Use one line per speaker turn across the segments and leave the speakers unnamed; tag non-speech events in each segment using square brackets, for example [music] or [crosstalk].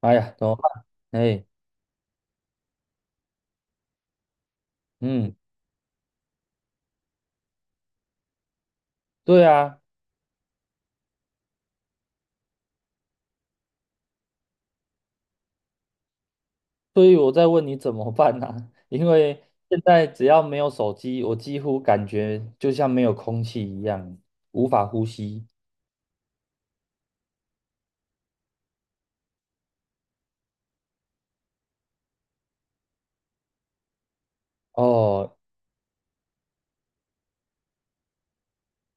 哎呀，怎么办？哎，嗯，对啊，所以我在问你怎么办呢。[laughs] 因为现在只要没有手机，我几乎感觉就像没有空气一样，无法呼吸。哦，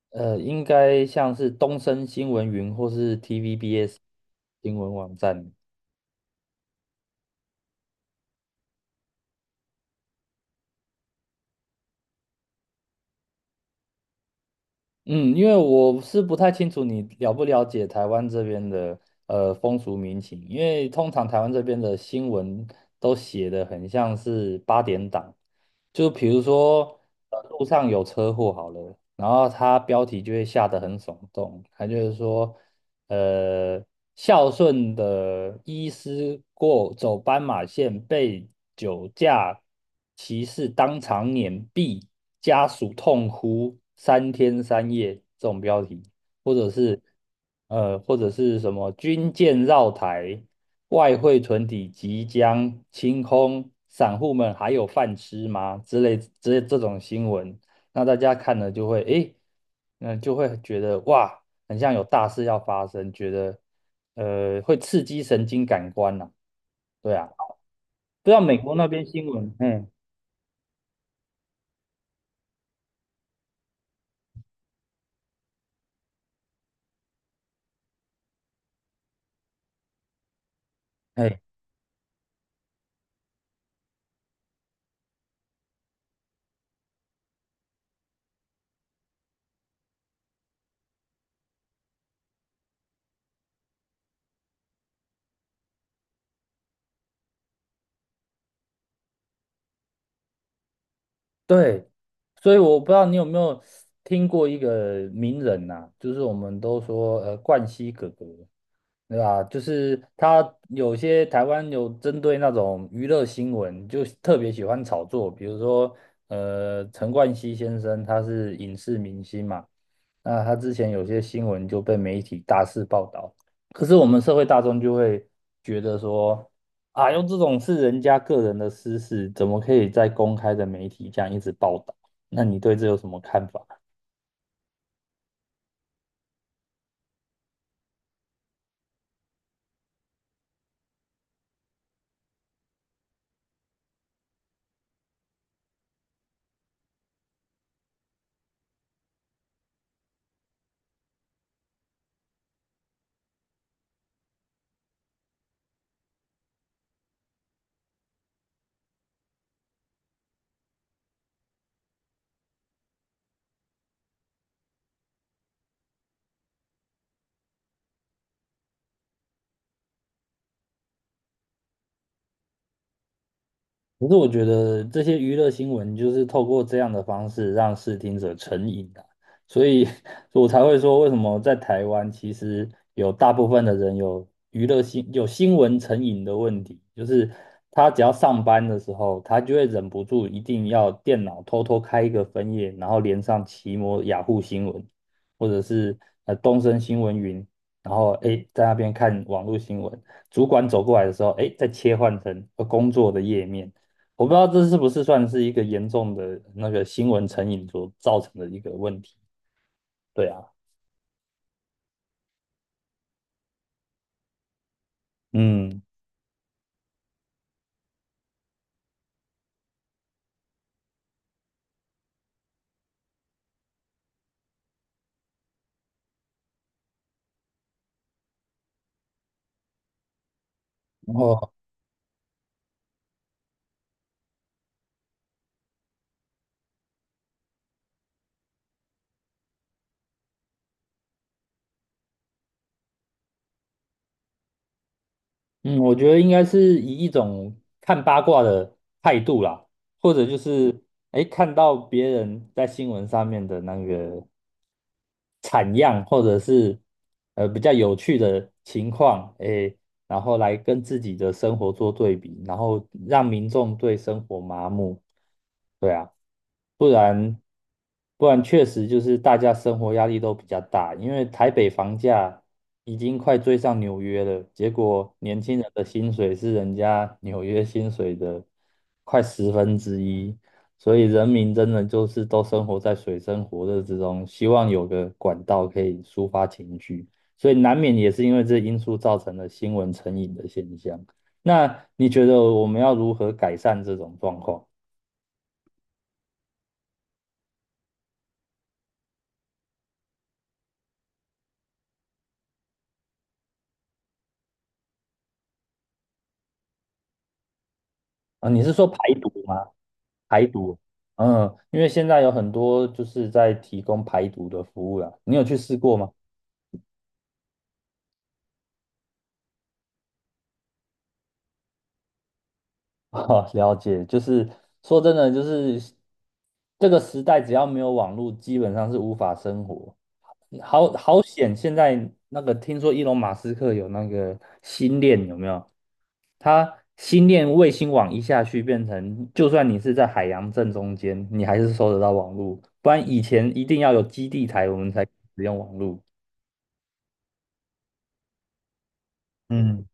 应该像是东森新闻云或是 TVBS 新闻网站。嗯，因为我是不太清楚你了不了解台湾这边的风俗民情，因为通常台湾这边的新闻都写的很像是八点档，就比如说路上有车祸好了，然后它标题就会下得很耸动，它就是说。呃，孝顺的医师过走斑马线被酒驾骑士当场碾毙，家属痛哭三天三夜这种标题，或者是或者是什么军舰绕台，外汇存底即将清空，散户们还有饭吃吗？之类之类这种新闻，那大家看了就会觉得哇。很像有大事要发生，觉得会刺激神经感官呐。对啊，不知道美国那边新闻，嗯，哎，对，所以我不知道你有没有听过一个名人呐，就是我们都说冠希哥哥，对吧？就是他有些台湾有针对那种娱乐新闻，就特别喜欢炒作，比如说陈冠希先生他是影视明星嘛，那他之前有些新闻就被媒体大肆报道，可是我们社会大众就会觉得说。啊，用这种是人家个人的私事，怎么可以在公开的媒体这样一直报道？那你对这有什么看法？可是我觉得这些娱乐新闻就是透过这样的方式让视听者成瘾的，所以 [laughs] 我才会说为什么在台湾其实有大部分的人有新闻成瘾的问题，就是他只要上班的时候，他就会忍不住一定要电脑偷偷开一个分页，然后连上奇摩、雅虎新闻，或者是东森新闻云，然后在那边看网络新闻，主管走过来的时候，再切换成工作的页面。我不知道这是不是算是一个严重的那个新闻成瘾所造成的一个问题。对啊，嗯，然后嗯，我觉得应该是以一种看八卦的态度啦，或者就是哎看到别人在新闻上面的那个产样，或者是比较有趣的情况，诶，然后来跟自己的生活做对比，然后让民众对生活麻木，对啊，不然确实就是大家生活压力都比较大，因为台北房价已经快追上纽约了，结果年轻人的薪水是人家纽约薪水的快十分之一，所以人民真的就是都生活在水深火热之中，希望有个管道可以抒发情绪，所以难免也是因为这因素造成了新闻成瘾的现象。那你觉得我们要如何改善这种状况啊？你是说排毒吗？排毒，嗯，因为现在有很多就是在提供排毒的服务啦，你有去试过吗？[laughs] 啊，了解，就是说真的，就是这个时代只要没有网络，基本上是无法生活。好好险！现在那个听说伊隆马斯克有那个星链，有没有？他星链卫星网一下去，变成就算你是在海洋正中间，你还是收得到网络。不然以前一定要有基地台，我们才使用网络。嗯，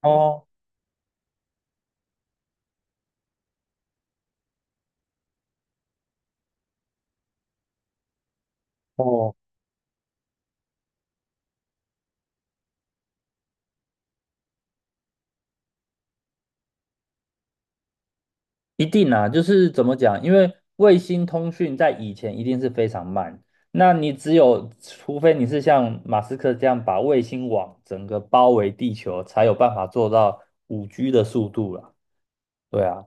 哦哦，一定啊，就是怎么讲？因为卫星通讯在以前一定是非常慢，那你除非你是像马斯克这样把卫星网整个包围地球，才有办法做到5G 的速度啦。对啊，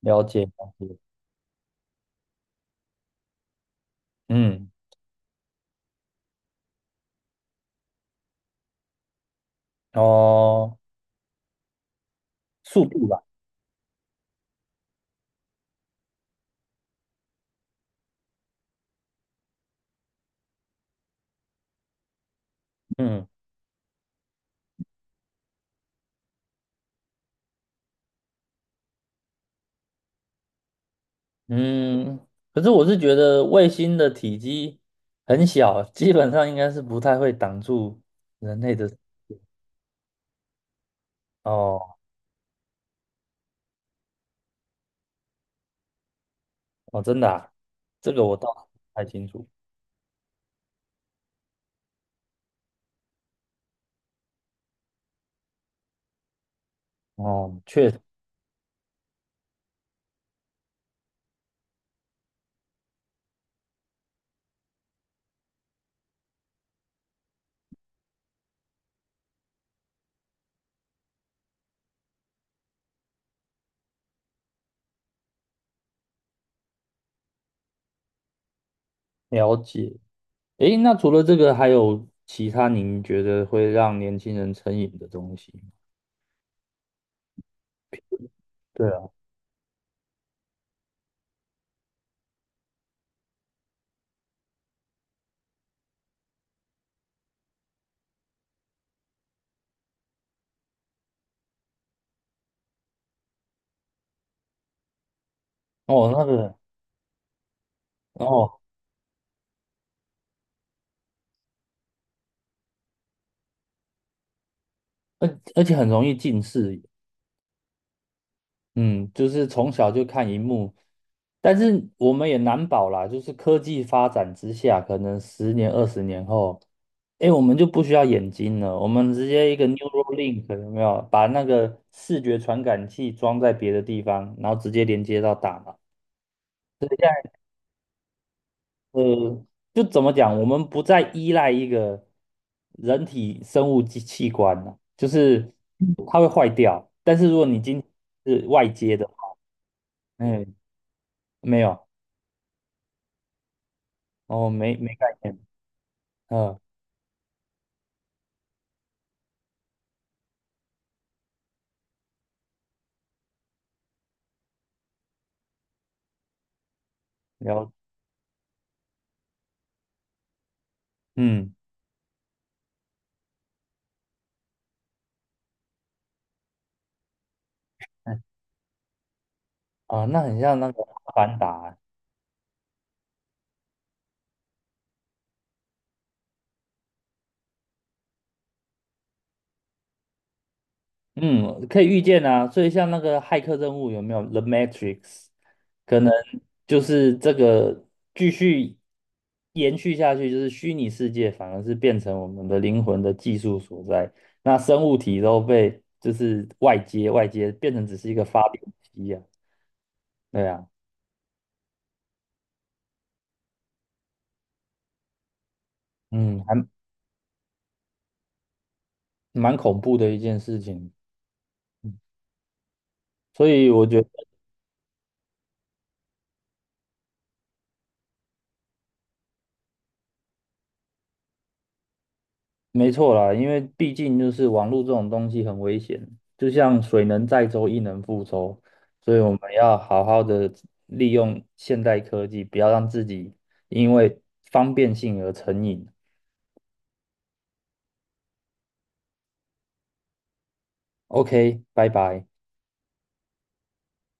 了解了解。嗯，哦，速度吧。嗯嗯，可是我是觉得卫星的体积很小，基本上应该是不太会挡住人类的。哦哦，真的啊，这个我倒是不太清楚。哦，确实了解。诶，那除了这个，还有其他您觉得会让年轻人成瘾的东西吗？对啊，哦，那个，哦，而且很容易近视眼嗯，就是从小就看荧幕，但是我们也难保啦，就是科技发展之下，可能十年、20年后，诶，我们就不需要眼睛了，我们直接一个 Neuralink 有没有，把那个视觉传感器装在别的地方，然后直接连接到大脑。呃，就怎么讲，我们不再依赖一个人体生物器官了，就是它会坏掉。但是如果你今天是外接的话，哎，没有，哦，没概念，嗯，了，嗯啊，那很像那个《阿凡达》，嗯，可以预见啊。所以像那个骇客任务有没有《The Matrix》？可能就是这个继续延续下去，就是虚拟世界反而是变成我们的灵魂的技术所在。那生物体都被就是外接变成只是一个发电机啊，对啊，嗯，还蛮恐怖的一件事情。所以我觉得。没错啦，因为毕竟就是网络这种东西很危险，就像水能载舟，亦能覆舟，所以我们要好好的利用现代科技，不要让自己因为方便性而成瘾。OK，拜拜。